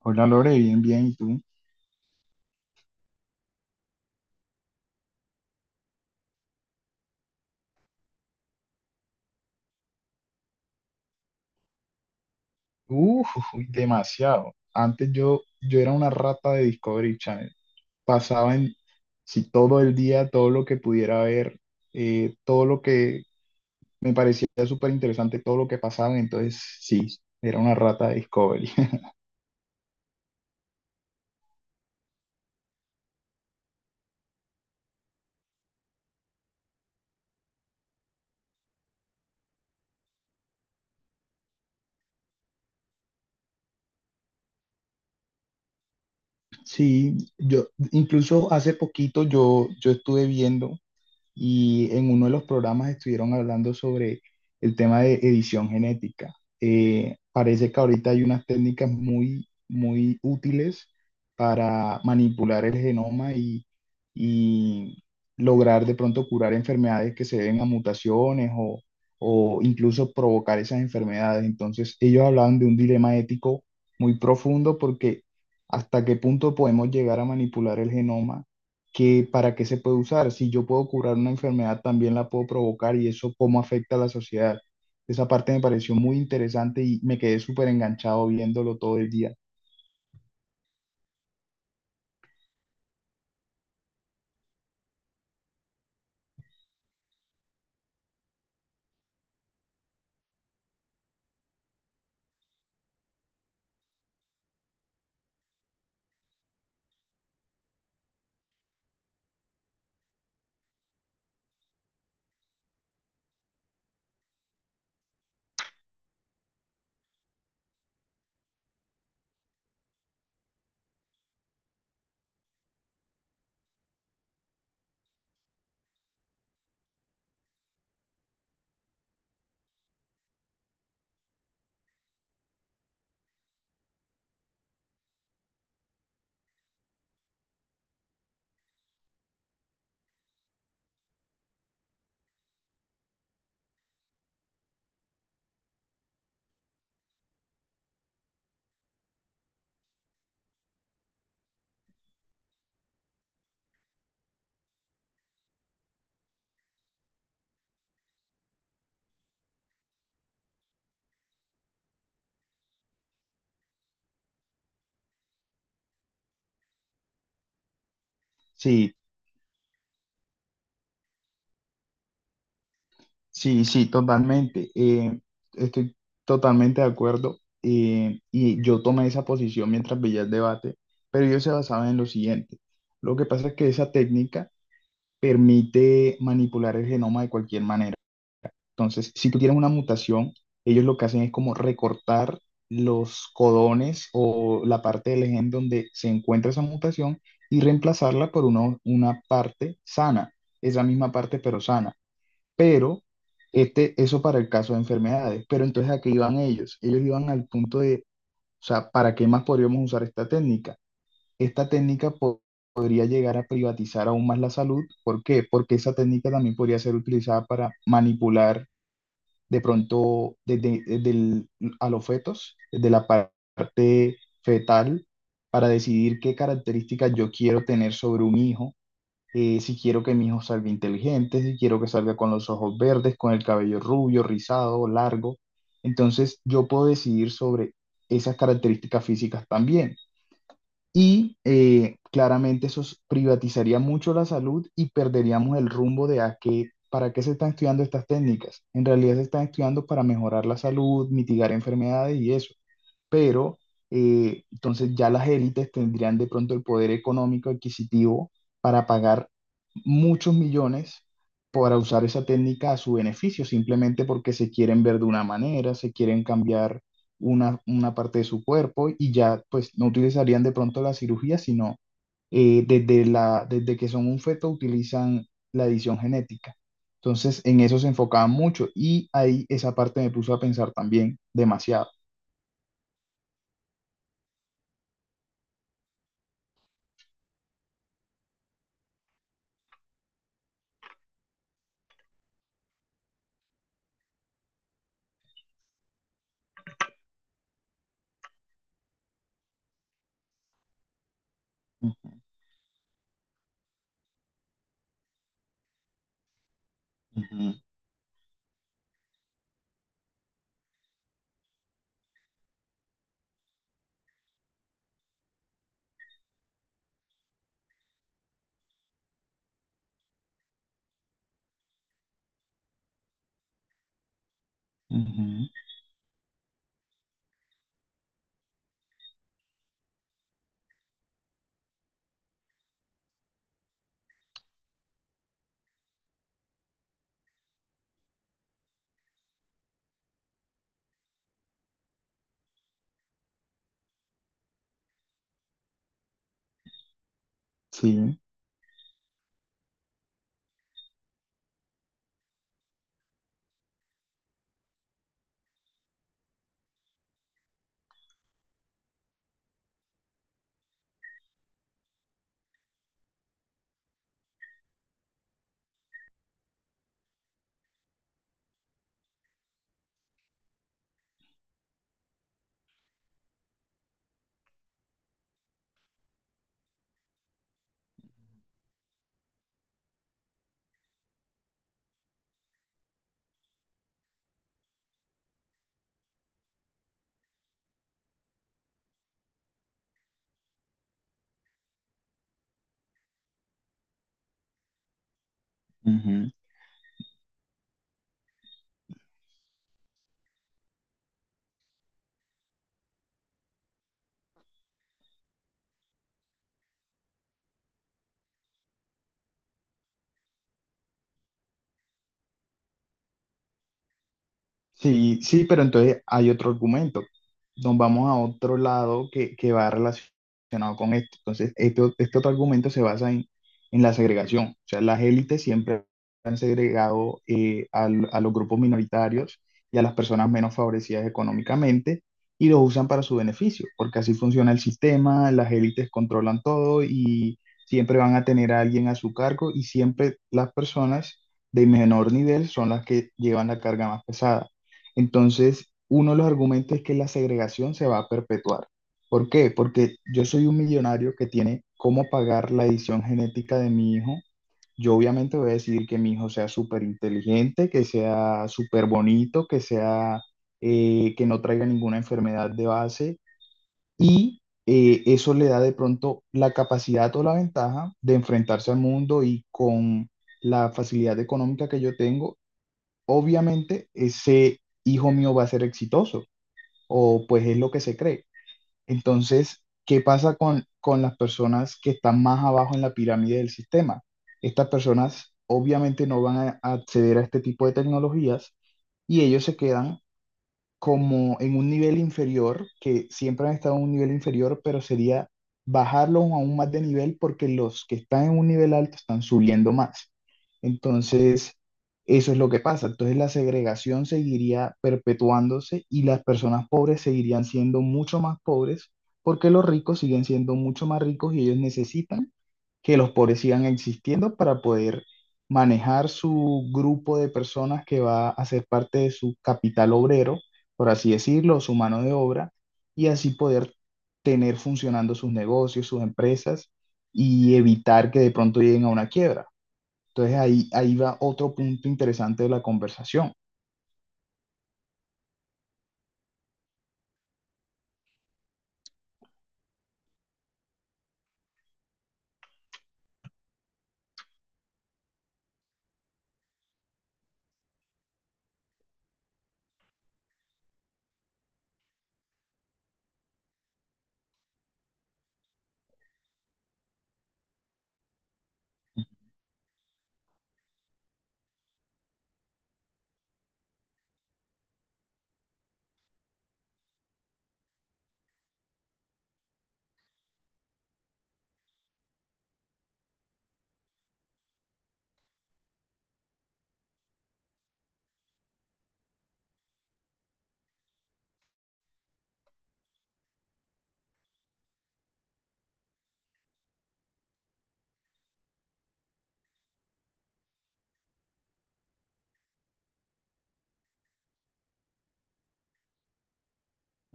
Hola Lore, bien, bien, ¿y tú? Uh, demasiado. Antes yo era una rata de Discovery Channel. Pasaba en, si todo el día, todo lo que pudiera ver, todo lo que me parecía súper interesante, todo lo que pasaba, entonces sí, era una rata de Discovery. Sí, yo, incluso hace poquito yo estuve viendo y en uno de los programas estuvieron hablando sobre el tema de edición genética. Parece que ahorita hay unas técnicas muy, muy útiles para manipular el genoma y lograr de pronto curar enfermedades que se deben a mutaciones o incluso provocar esas enfermedades. Entonces, ellos hablaban de un dilema ético muy profundo porque hasta qué punto podemos llegar a manipular el genoma que para qué se puede usar. Si yo puedo curar una enfermedad, también la puedo provocar y eso cómo afecta a la sociedad. Esa parte me pareció muy interesante y me quedé súper enganchado viéndolo todo el día. Sí, sí, sí, totalmente. Estoy totalmente de acuerdo. Y yo tomé esa posición mientras veía el debate, pero yo se basaba en lo siguiente. Lo que pasa es que esa técnica permite manipular el genoma de cualquier manera. Entonces, si tú tienes una mutación, ellos lo que hacen es como recortar los codones o la parte del gen donde se encuentra esa mutación y reemplazarla por una parte sana, es la misma parte pero sana. Pero eso para el caso de enfermedades. Pero entonces, ¿a qué iban ellos? Ellos iban al punto de, o sea, ¿para qué más podríamos usar esta técnica? Esta técnica po- podría llegar a privatizar aún más la salud. ¿Por qué? Porque esa técnica también podría ser utilizada para manipular de pronto a los fetos, desde la parte fetal, para decidir qué características yo quiero tener sobre un hijo, si quiero que mi hijo salga inteligente, si quiero que salga con los ojos verdes, con el cabello rubio, rizado, largo. Entonces yo puedo decidir sobre esas características físicas también. Y claramente privatizaría mucho la salud y perderíamos el rumbo de a qué, para qué se están estudiando estas técnicas. En realidad se están estudiando para mejorar la salud, mitigar enfermedades y eso pero entonces ya las élites tendrían de pronto el poder económico adquisitivo para pagar muchos millones para usar esa técnica a su beneficio, simplemente porque se quieren ver de una manera, se quieren cambiar una parte de su cuerpo y ya pues no utilizarían de pronto la cirugía, sino desde desde que son un feto utilizan la edición genética. Entonces, en eso se enfocaban mucho y ahí esa parte me puso a pensar también demasiado. Ujú. Ujú. Sí. Ujú. Sí, sí, pero entonces hay otro argumento. Nos vamos a otro lado que va relacionado con esto. Entonces, este otro argumento se basa en la segregación. O sea, las élites siempre han segregado a los grupos minoritarios y a las personas menos favorecidas económicamente y los usan para su beneficio, porque así funciona el sistema, las élites controlan todo y siempre van a tener a alguien a su cargo y siempre las personas de menor nivel son las que llevan la carga más pesada. Entonces, uno de los argumentos es que la segregación se va a perpetuar. ¿Por qué? Porque yo soy un millonario que tiene cómo pagar la edición genética de mi hijo. Yo obviamente voy a decidir que mi hijo sea súper inteligente, que sea súper bonito, que sea, que no traiga ninguna enfermedad de base y eso le da de pronto la capacidad o la ventaja de enfrentarse al mundo y con la facilidad económica que yo tengo, obviamente ese hijo mío va a ser exitoso, o pues es lo que se cree. Entonces, ¿qué pasa con las personas que están más abajo en la pirámide del sistema? Estas personas obviamente no van a acceder a este tipo de tecnologías y ellos se quedan como en un nivel inferior, que siempre han estado en un nivel inferior, pero sería bajarlos aún más de nivel porque los que están en un nivel alto están subiendo más. Entonces, eso es lo que pasa. Entonces, la segregación seguiría perpetuándose y las personas pobres seguirían siendo mucho más pobres porque los ricos siguen siendo mucho más ricos y ellos necesitan que los pobres sigan existiendo para poder manejar su grupo de personas que va a ser parte de su capital obrero por así decirlo, su mano de obra, y así poder tener funcionando sus negocios, sus empresas y evitar que de pronto lleguen a una quiebra. Entonces ahí va otro punto interesante de la conversación.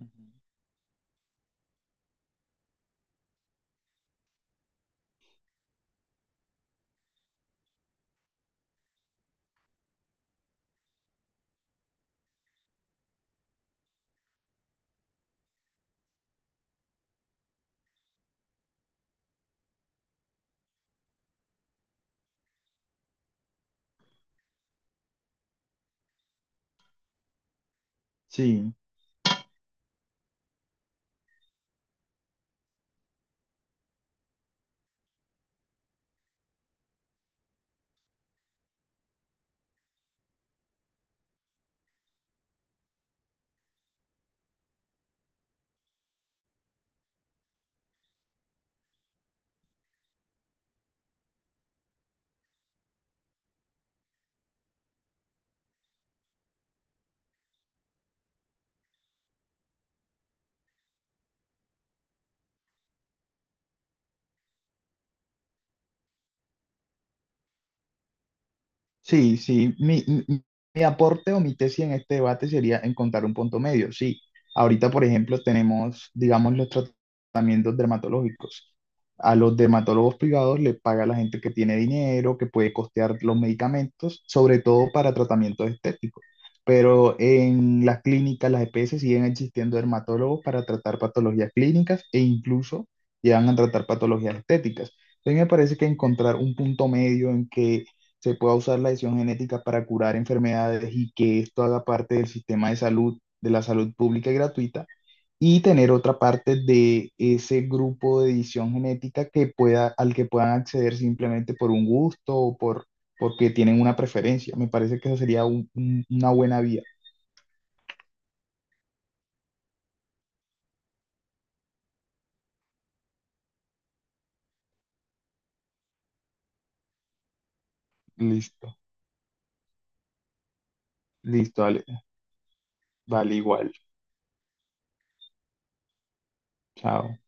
Ujú. Sí. Sí, sí, mi aporte o mi tesis en este debate sería encontrar un punto medio. Sí, ahorita, por ejemplo, tenemos, digamos, los tratamientos dermatológicos. A los dermatólogos privados le paga la gente que tiene dinero, que puede costear los medicamentos, sobre todo para tratamientos estéticos. Pero en las clínicas, las EPS siguen existiendo dermatólogos para tratar patologías clínicas e incluso llegan a tratar patologías estéticas. Entonces me parece que encontrar un punto medio en que se pueda usar la edición genética para curar enfermedades y que esto haga parte del sistema de salud, de la salud pública y gratuita, y tener otra parte de ese grupo de edición genética que pueda, al que puedan acceder simplemente por un gusto o por, porque tienen una preferencia. Me parece que esa sería una buena vía. Listo, listo, vale, vale igual. Chao.